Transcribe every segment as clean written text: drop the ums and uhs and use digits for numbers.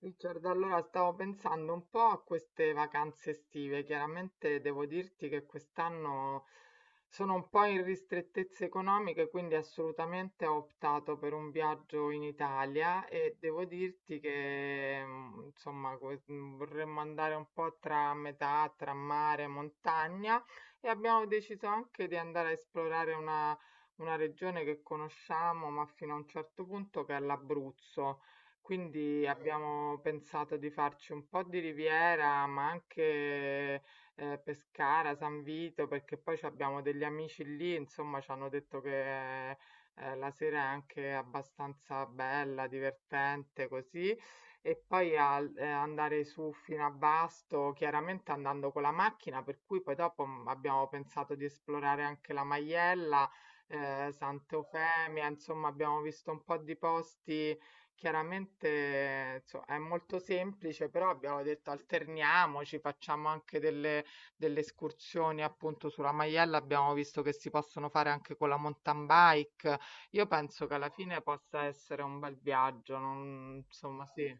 Richard, allora stavo pensando un po' a queste vacanze estive. Chiaramente devo dirti che quest'anno sono un po' in ristrettezze economiche, quindi assolutamente ho optato per un viaggio in Italia e devo dirti che insomma vorremmo andare un po' tra metà, tra mare e montagna e abbiamo deciso anche di andare a esplorare una regione che conosciamo, ma fino a un certo punto, che è l'Abruzzo. Quindi abbiamo pensato di farci un po' di Riviera, ma anche Pescara, San Vito, perché poi ci abbiamo degli amici lì, insomma, ci hanno detto che la sera è anche abbastanza bella, divertente, così. E poi andare su fino a Basto, chiaramente andando con la macchina, per cui poi dopo abbiamo pensato di esplorare anche la Maiella, Sant'Eufemia, insomma, abbiamo visto un po' di posti. Chiaramente, inso è molto semplice, però abbiamo detto alterniamoci, facciamo anche delle delle escursioni appunto sulla Maiella, abbiamo visto che si possono fare anche con la mountain bike. Io penso che alla fine possa essere un bel viaggio, non- insomma, sì.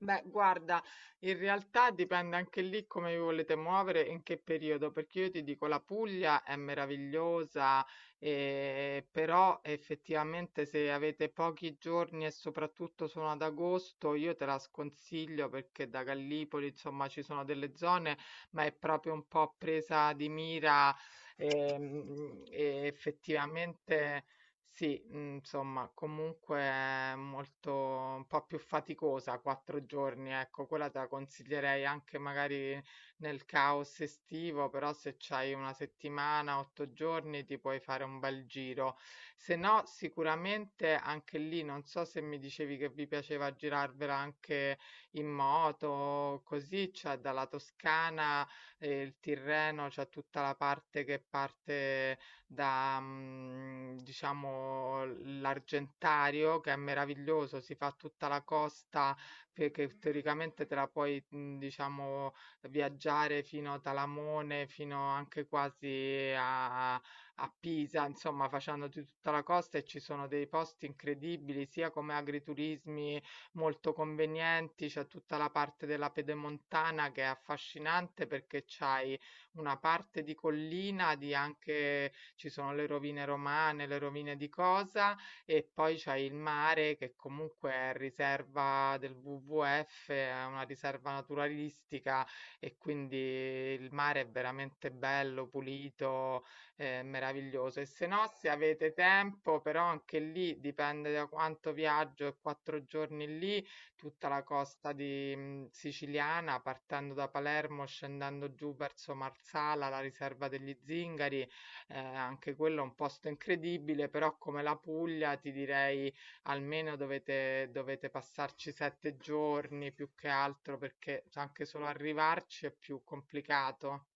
Beh, guarda, in realtà dipende anche lì come vi volete muovere e in che periodo, perché io ti dico la Puglia è meravigliosa, però effettivamente se avete pochi giorni e soprattutto sono ad agosto, io te la sconsiglio perché da Gallipoli, insomma, ci sono delle zone, ma è proprio un po' presa di mira, e effettivamente sì, mhmm, insomma, comunque è molto un po' più faticosa, 4 giorni, ecco. Quella te la consiglierei anche magari nel caos estivo, però se c'hai 1 settimana, 8 giorni, ti puoi fare un bel giro. Se no, sicuramente anche lì, non so se mi dicevi che vi piaceva girarvela anche in moto, così, cioè dalla Toscana e il Tirreno, c'è tutta la parte che parte da, diciamo l'Argentario, che è meraviglioso, si fa tutta la costa che teoricamente te la puoi, diciamo, viaggiare fino a Talamone, fino anche quasi a a a Pisa, insomma facendoti tutta la costa, e ci sono dei posti incredibili, sia come agriturismi molto convenienti, c'è tutta la parte della pedemontana che è affascinante perché c'hai una parte di collina, di anche ci sono le rovine romane, le rovine di cosa, e poi c'è il mare che comunque è riserva del WWF, è una riserva naturalistica e quindi il mare è veramente bello, pulito, meraviglioso. E se no, se avete tempo, però anche lì dipende da quanto viaggio, e quattro giorni lì, tutta la costa di, siciliana, partendo da Palermo, scendendo giù verso Marsala, la riserva degli Zingari, anche quello è un posto incredibile, però come la Puglia ti direi almeno dovete passarci 7 giorni, più che altro perché anche solo arrivarci è più complicato.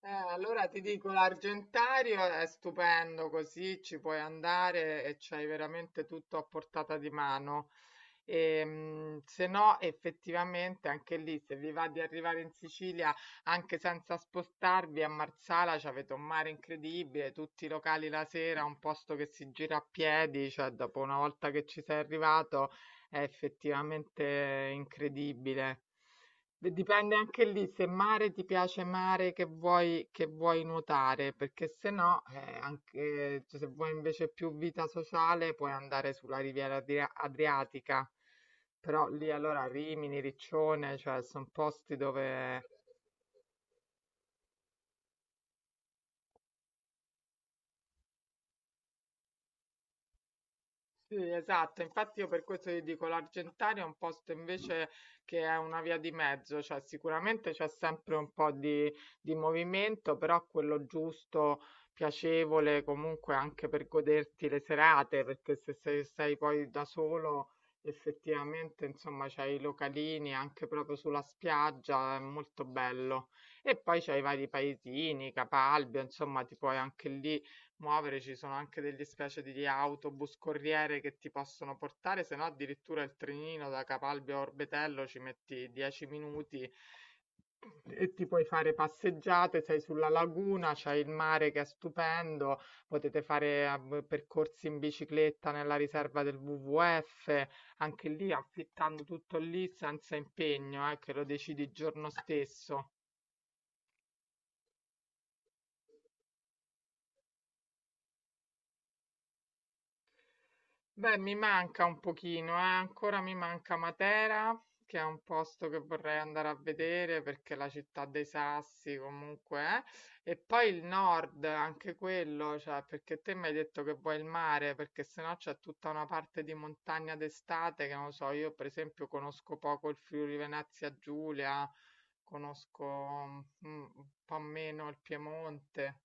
Allora ti dico, l'Argentario è stupendo, così ci puoi andare e c'hai veramente tutto a portata di mano. Se no, effettivamente anche lì, se vi va di arrivare in Sicilia anche senza spostarvi a Marsala, c'avete un mare incredibile, tutti i locali la sera, un posto che si gira a piedi, cioè dopo una volta che ci sei arrivato è effettivamente incredibile. Beh, dipende anche lì, se mare ti piace, mare che vuoi nuotare, perché se no, anche, cioè, se vuoi invece più vita sociale puoi andare sulla riviera adriatica, però lì allora Rimini, Riccione, cioè sono posti dove... Sì, esatto, infatti io per questo ti dico l'Argentaria è un posto invece che è una via di mezzo, cioè sicuramente c'è sempre un po' di movimento, però quello giusto, piacevole comunque anche per goderti le serate, perché se sei, sei poi da solo, effettivamente insomma c'hai i localini anche proprio sulla spiaggia, è molto bello. E poi c'hai i vari paesini, Capalbio, insomma ti puoi anche lì muovere, ci sono anche delle specie di autobus corriere che ti possono portare, se no addirittura il trenino da Capalbio a Orbetello ci metti 10 minuti e ti puoi fare passeggiate, sei sulla laguna, c'è il mare che è stupendo, potete fare percorsi in bicicletta nella riserva del WWF, anche lì affittando tutto lì senza impegno, che lo decidi il giorno stesso. Beh, mi manca un pochino, eh. Ancora mi manca Matera, che è un posto che vorrei andare a vedere, perché è la città dei sassi comunque, eh. E poi il nord, anche quello, cioè, perché te mi hai detto che vuoi il mare, perché sennò c'è tutta una parte di montagna d'estate che non lo so, io per esempio conosco poco il Friuli Venezia Giulia, conosco un po' meno il Piemonte.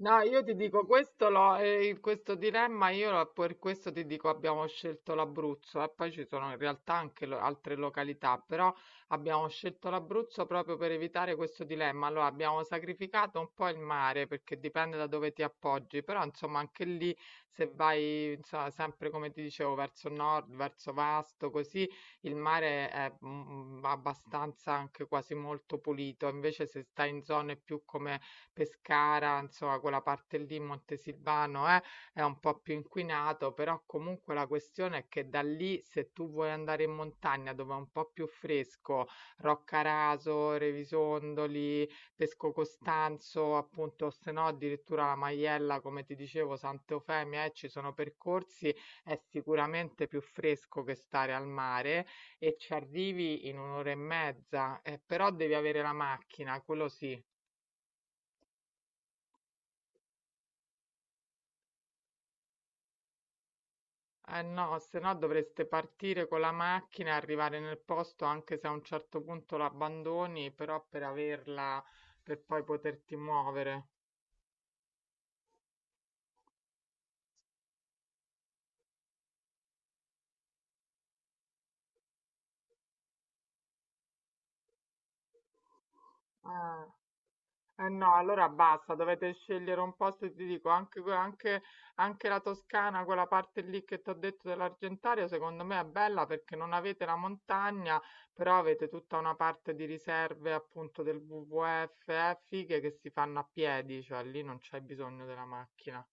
No, io ti dico questo, questo dilemma, per questo ti dico abbiamo scelto l'Abruzzo, e poi ci sono in realtà anche altre località, però abbiamo scelto l'Abruzzo proprio per evitare questo dilemma. Allora abbiamo sacrificato un po' il mare perché dipende da dove ti appoggi, però insomma anche lì se vai insomma, sempre come ti dicevo, verso nord, verso Vasto, così il mare è abbastanza anche quasi molto pulito, invece se stai in zone più come Pescara, insomma, quella parte lì, Montesilvano, è un po' più inquinato, però comunque la questione è che da lì, se tu vuoi andare in montagna dove è un po' più fresco, Roccaraso, Revisondoli, Pesco Costanzo, appunto, o se no addirittura la Maiella, come ti dicevo, Sant'Eufemia, ci sono percorsi, è sicuramente più fresco che stare al mare e ci arrivi in un'ora e mezza, però devi avere la macchina, quello sì. Eh no, se no dovreste partire con la macchina e arrivare nel posto, anche se a un certo punto l'abbandoni, però per averla, per poi poterti muovere. Ah, eh no, allora basta, dovete scegliere un posto, ti dico, anche, que- anche, anche la Toscana, quella parte lì che ti ho detto dell'Argentario, secondo me è bella perché non avete la montagna, però avete tutta una parte di riserve appunto del WWF, fighe che si fanno a piedi, cioè lì non c'è bisogno della macchina.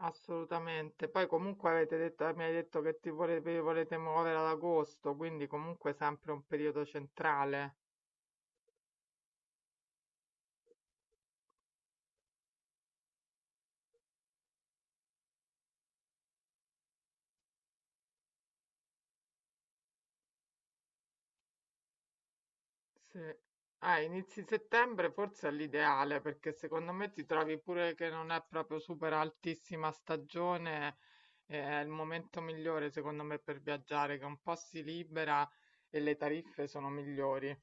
Assolutamente. Poi comunque avete detto, mi hai detto che ti vole- vi volete muovere ad agosto, quindi comunque sempre un periodo centrale. Sì. Ah, inizi settembre forse è l'ideale, perché secondo me ti trovi pure che non è proprio super altissima stagione, è il momento migliore secondo me per viaggiare, che un po' si libera e le tariffe sono migliori.